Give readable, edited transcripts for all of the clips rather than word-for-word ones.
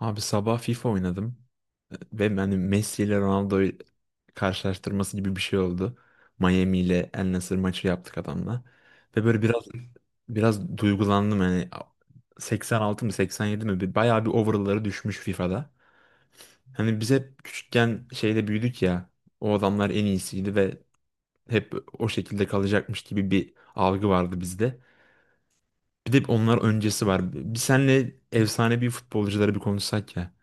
Abi sabah FIFA oynadım ve yani Messi ile Ronaldo karşılaştırması gibi bir şey oldu. Miami ile El Nassr maçı yaptık adamla. Ve böyle biraz duygulandım hani 86 mı 87 mi bayağı bir overall'ları düşmüş FIFA'da. Hani biz hep küçükken şeyde büyüdük ya o adamlar en iyisiydi ve hep o şekilde kalacakmış gibi bir algı vardı bizde. Bir de onlar öncesi var. Bir senle efsanevi futbolcuları bir konuşsak ya.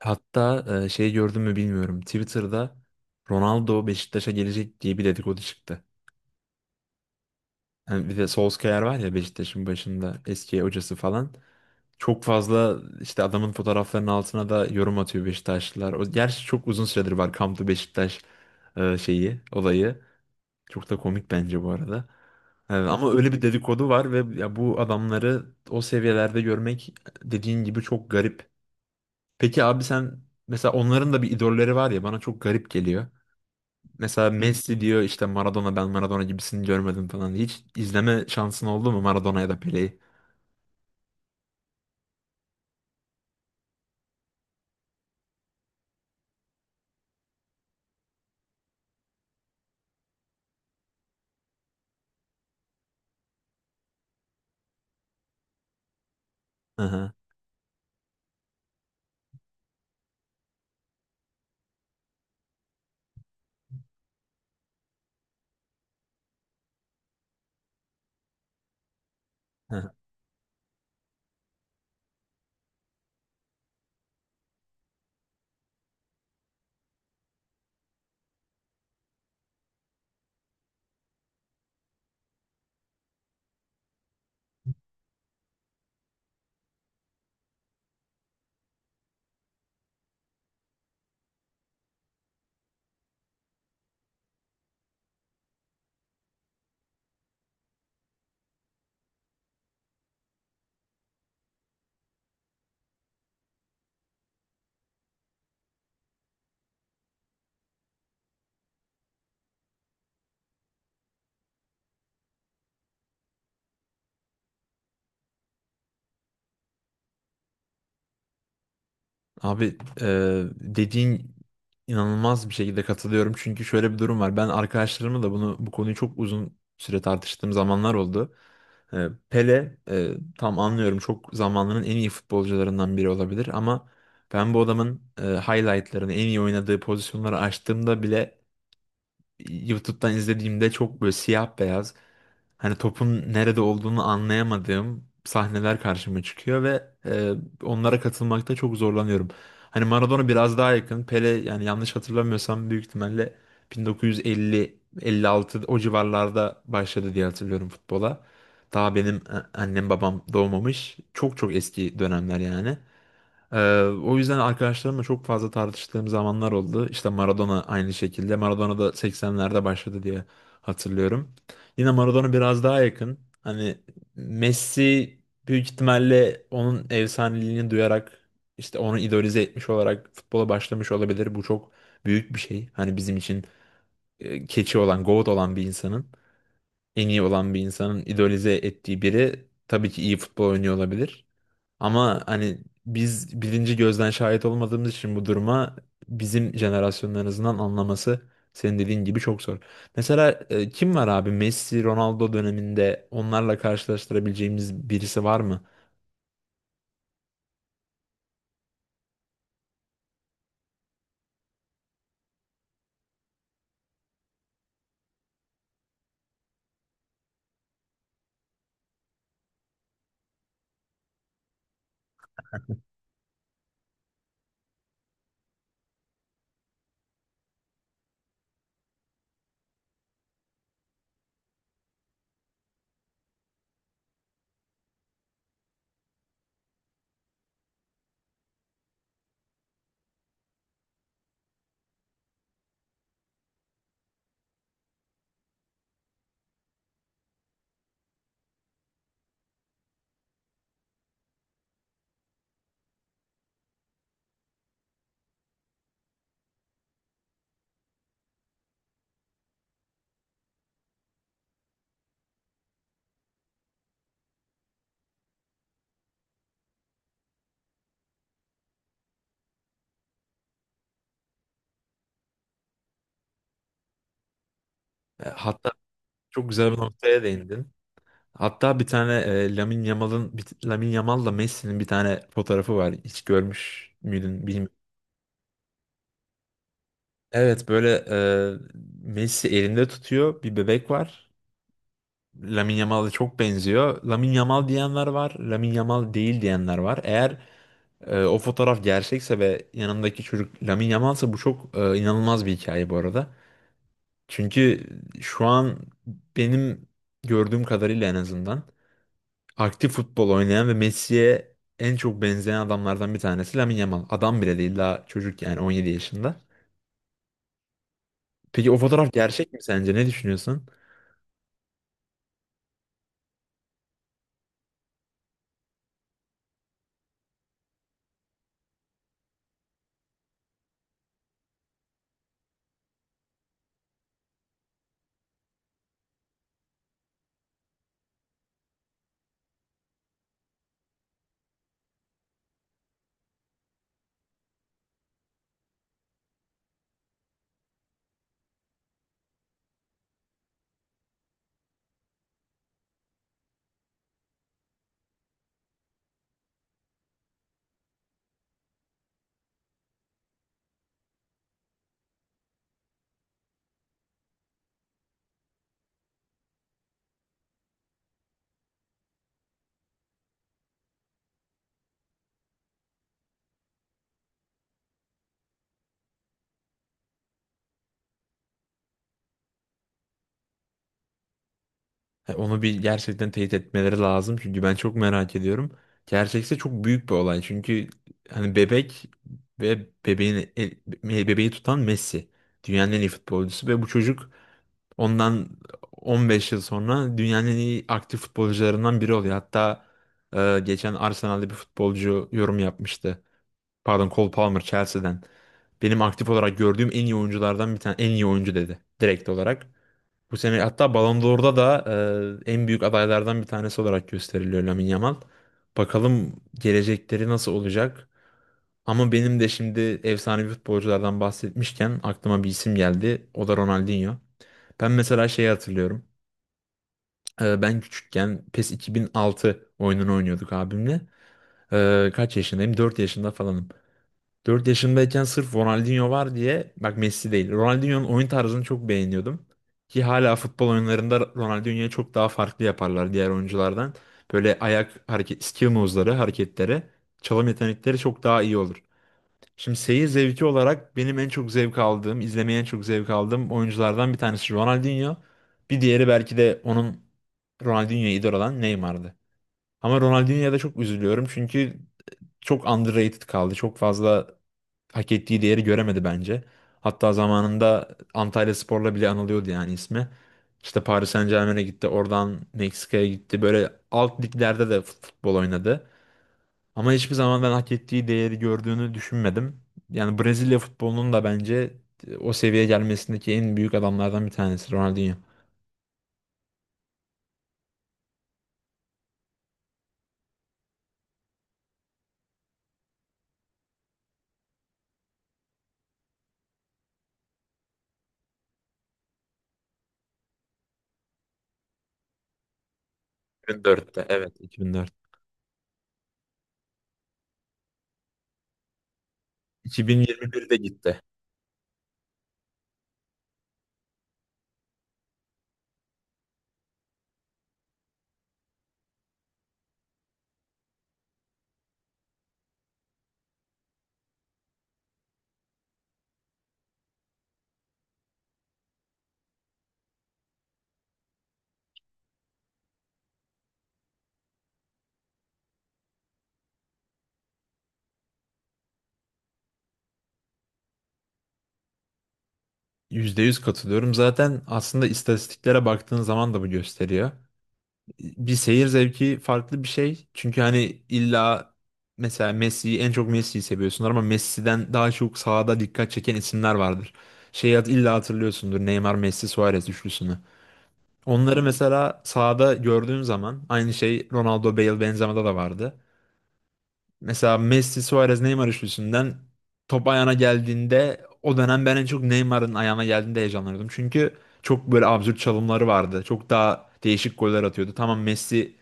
Hatta şey gördün mü bilmiyorum. Twitter'da Ronaldo Beşiktaş'a gelecek diye bir dedikodu çıktı. Yani bir de Solskjaer var ya Beşiktaş'ın başında eski hocası falan. Çok fazla işte adamın fotoğraflarının altına da yorum atıyor Beşiktaşlılar. O, gerçi çok uzun süredir var Come to Beşiktaş şeyi, olayı. Çok da komik bence bu arada. Ama öyle bir dedikodu var ve ya bu adamları o seviyelerde görmek dediğin gibi çok garip. Peki abi sen mesela onların da bir idolleri var ya bana çok garip geliyor. Mesela Messi diyor işte Maradona ben Maradona gibisini görmedim falan. Hiç izleme şansın oldu mu Maradona ya da Pele'yi? Hı hı. Hı. Abi dediğin inanılmaz bir şekilde katılıyorum. Çünkü şöyle bir durum var. Ben arkadaşlarımla da bunu bu konuyu çok uzun süre tartıştığım zamanlar oldu. Pele tam anlıyorum çok zamanının en iyi futbolcularından biri olabilir ama ben bu adamın highlightlarını en iyi oynadığı pozisyonları açtığımda bile YouTube'dan izlediğimde çok böyle siyah beyaz hani topun nerede olduğunu anlayamadığım sahneler karşıma çıkıyor ve onlara katılmakta çok zorlanıyorum. Hani Maradona biraz daha yakın. Pele yani yanlış hatırlamıyorsam büyük ihtimalle 1950-56 o civarlarda başladı diye hatırlıyorum futbola. Daha benim annem babam doğmamış. Çok çok eski dönemler yani. Ee, o yüzden arkadaşlarımla çok fazla tartıştığım zamanlar oldu. İşte Maradona aynı şekilde. Maradona da 80'lerde başladı diye hatırlıyorum. Yine Maradona biraz daha yakın. Hani Messi büyük ihtimalle onun efsaneliğini duyarak işte onu idolize etmiş olarak futbola başlamış olabilir. Bu çok büyük bir şey. Hani bizim için keçi olan, GOAT olan bir insanın, en iyi olan bir insanın idolize ettiği biri tabii ki iyi futbol oynuyor olabilir. Ama hani biz birinci gözden şahit olmadığımız için bu duruma bizim jenerasyonun anlaması senin dediğin gibi çok zor. Mesela kim var abi Messi, Ronaldo döneminde onlarla karşılaştırabileceğimiz birisi var mı? Hatta çok güzel bir noktaya değindin. Hatta bir tane Lamine Yamal'ın Lamine Yamal'la Messi'nin bir tane fotoğrafı var. Hiç görmüş müydün bilmiyorum. Evet böyle Messi elinde tutuyor bir bebek var. Lamine Yamal'a çok benziyor. Lamine Yamal diyenler var, Lamine Yamal değil diyenler var. Eğer o fotoğraf gerçekse ve yanındaki çocuk Lamine Yamal'sa bu çok inanılmaz bir hikaye bu arada. Çünkü şu an benim gördüğüm kadarıyla en azından aktif futbol oynayan ve Messi'ye en çok benzeyen adamlardan bir tanesi Lamine Yamal. Adam bile değil daha çocuk yani 17 yaşında. Peki o fotoğraf gerçek mi sence? Ne düşünüyorsun? Ha, onu bir gerçekten teyit etmeleri lazım çünkü ben çok merak ediyorum. Gerçekse çok büyük bir olay çünkü hani bebek ve bebeğin bebeği tutan Messi dünyanın en iyi futbolcusu ve bu çocuk ondan 15 yıl sonra dünyanın en iyi aktif futbolcularından biri oluyor. Hatta geçen Arsenal'de bir futbolcu yorum yapmıştı. Pardon, Cole Palmer Chelsea'den. Benim aktif olarak gördüğüm en iyi oyunculardan bir tane en iyi oyuncu dedi direkt olarak. Bu sene hatta Ballon d'Or'da da en büyük adaylardan bir tanesi olarak gösteriliyor Lamine Yamal. Bakalım gelecekleri nasıl olacak? Ama benim de şimdi efsanevi futbolculardan bahsetmişken aklıma bir isim geldi. O da Ronaldinho. Ben mesela şeyi hatırlıyorum. Ben küçükken PES 2006 oyununu oynuyorduk abimle. Kaç yaşındayım? 4 yaşında falanım. 4 yaşındayken sırf Ronaldinho var diye bak Messi değil. Ronaldinho'nun oyun tarzını çok beğeniyordum. Ki hala futbol oyunlarında Ronaldinho'yu çok daha farklı yaparlar diğer oyunculardan. Böyle ayak hareket, skill moves'ları, hareketleri, çalım yetenekleri çok daha iyi olur. Şimdi seyir zevki olarak benim en çok zevk aldığım, izlemeye en çok zevk aldığım oyunculardan bir tanesi Ronaldinho. Bir diğeri belki de onun Ronaldinho'ya idol olan Neymar'dı. Ama Ronaldinho'ya da çok üzülüyorum çünkü çok underrated kaldı. Çok fazla hak ettiği değeri göremedi bence. Hatta zamanında Antalyaspor'la bile anılıyordu yani ismi. İşte Paris Saint-Germain'e gitti, oradan Meksika'ya gitti. Böyle alt liglerde de futbol oynadı. Ama hiçbir zaman ben hak ettiği değeri gördüğünü düşünmedim. Yani Brezilya futbolunun da bence o seviyeye gelmesindeki en büyük adamlardan bir tanesi Ronaldinho. 2004'te evet. 2004. 2021'de gitti. %100 katılıyorum. Zaten aslında istatistiklere baktığın zaman da bu gösteriyor. Bir seyir zevki farklı bir şey. Çünkü hani illa mesela Messi'yi en çok Messi'yi seviyorsunlar ama Messi'den daha çok sahada dikkat çeken isimler vardır. Şeyi illa hatırlıyorsundur Neymar, Messi, Suarez üçlüsünü. Onları mesela sahada gördüğün zaman aynı şey Ronaldo, Bale, Benzema'da da vardı. Mesela Messi, Suarez, Neymar üçlüsünden top ayağına geldiğinde o dönem ben en çok Neymar'ın ayağına geldiğinde heyecanlanıyordum. Çünkü çok böyle absürt çalımları vardı. Çok daha değişik goller atıyordu. Tamam Messi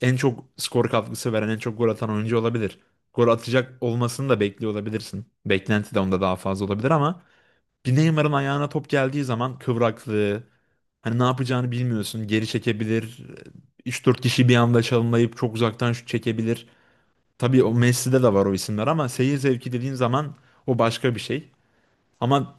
en çok skor katkısı veren, en çok gol atan oyuncu olabilir. Gol atacak olmasını da bekliyor olabilirsin. Beklenti de onda daha fazla olabilir ama bir Neymar'ın ayağına top geldiği zaman kıvraklığı, hani ne yapacağını bilmiyorsun. Geri çekebilir. 3-4 kişi bir anda çalımlayıp çok uzaktan şut çekebilir. Tabii o Messi'de de var o isimler ama seyir zevki dediğin zaman o başka bir şey. Ama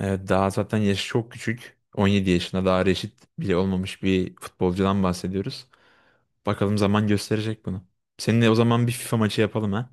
daha zaten yaşı çok küçük. 17 yaşında daha reşit bile olmamış bir futbolcudan bahsediyoruz. Bakalım zaman gösterecek bunu. Seninle o zaman bir FIFA maçı yapalım ha.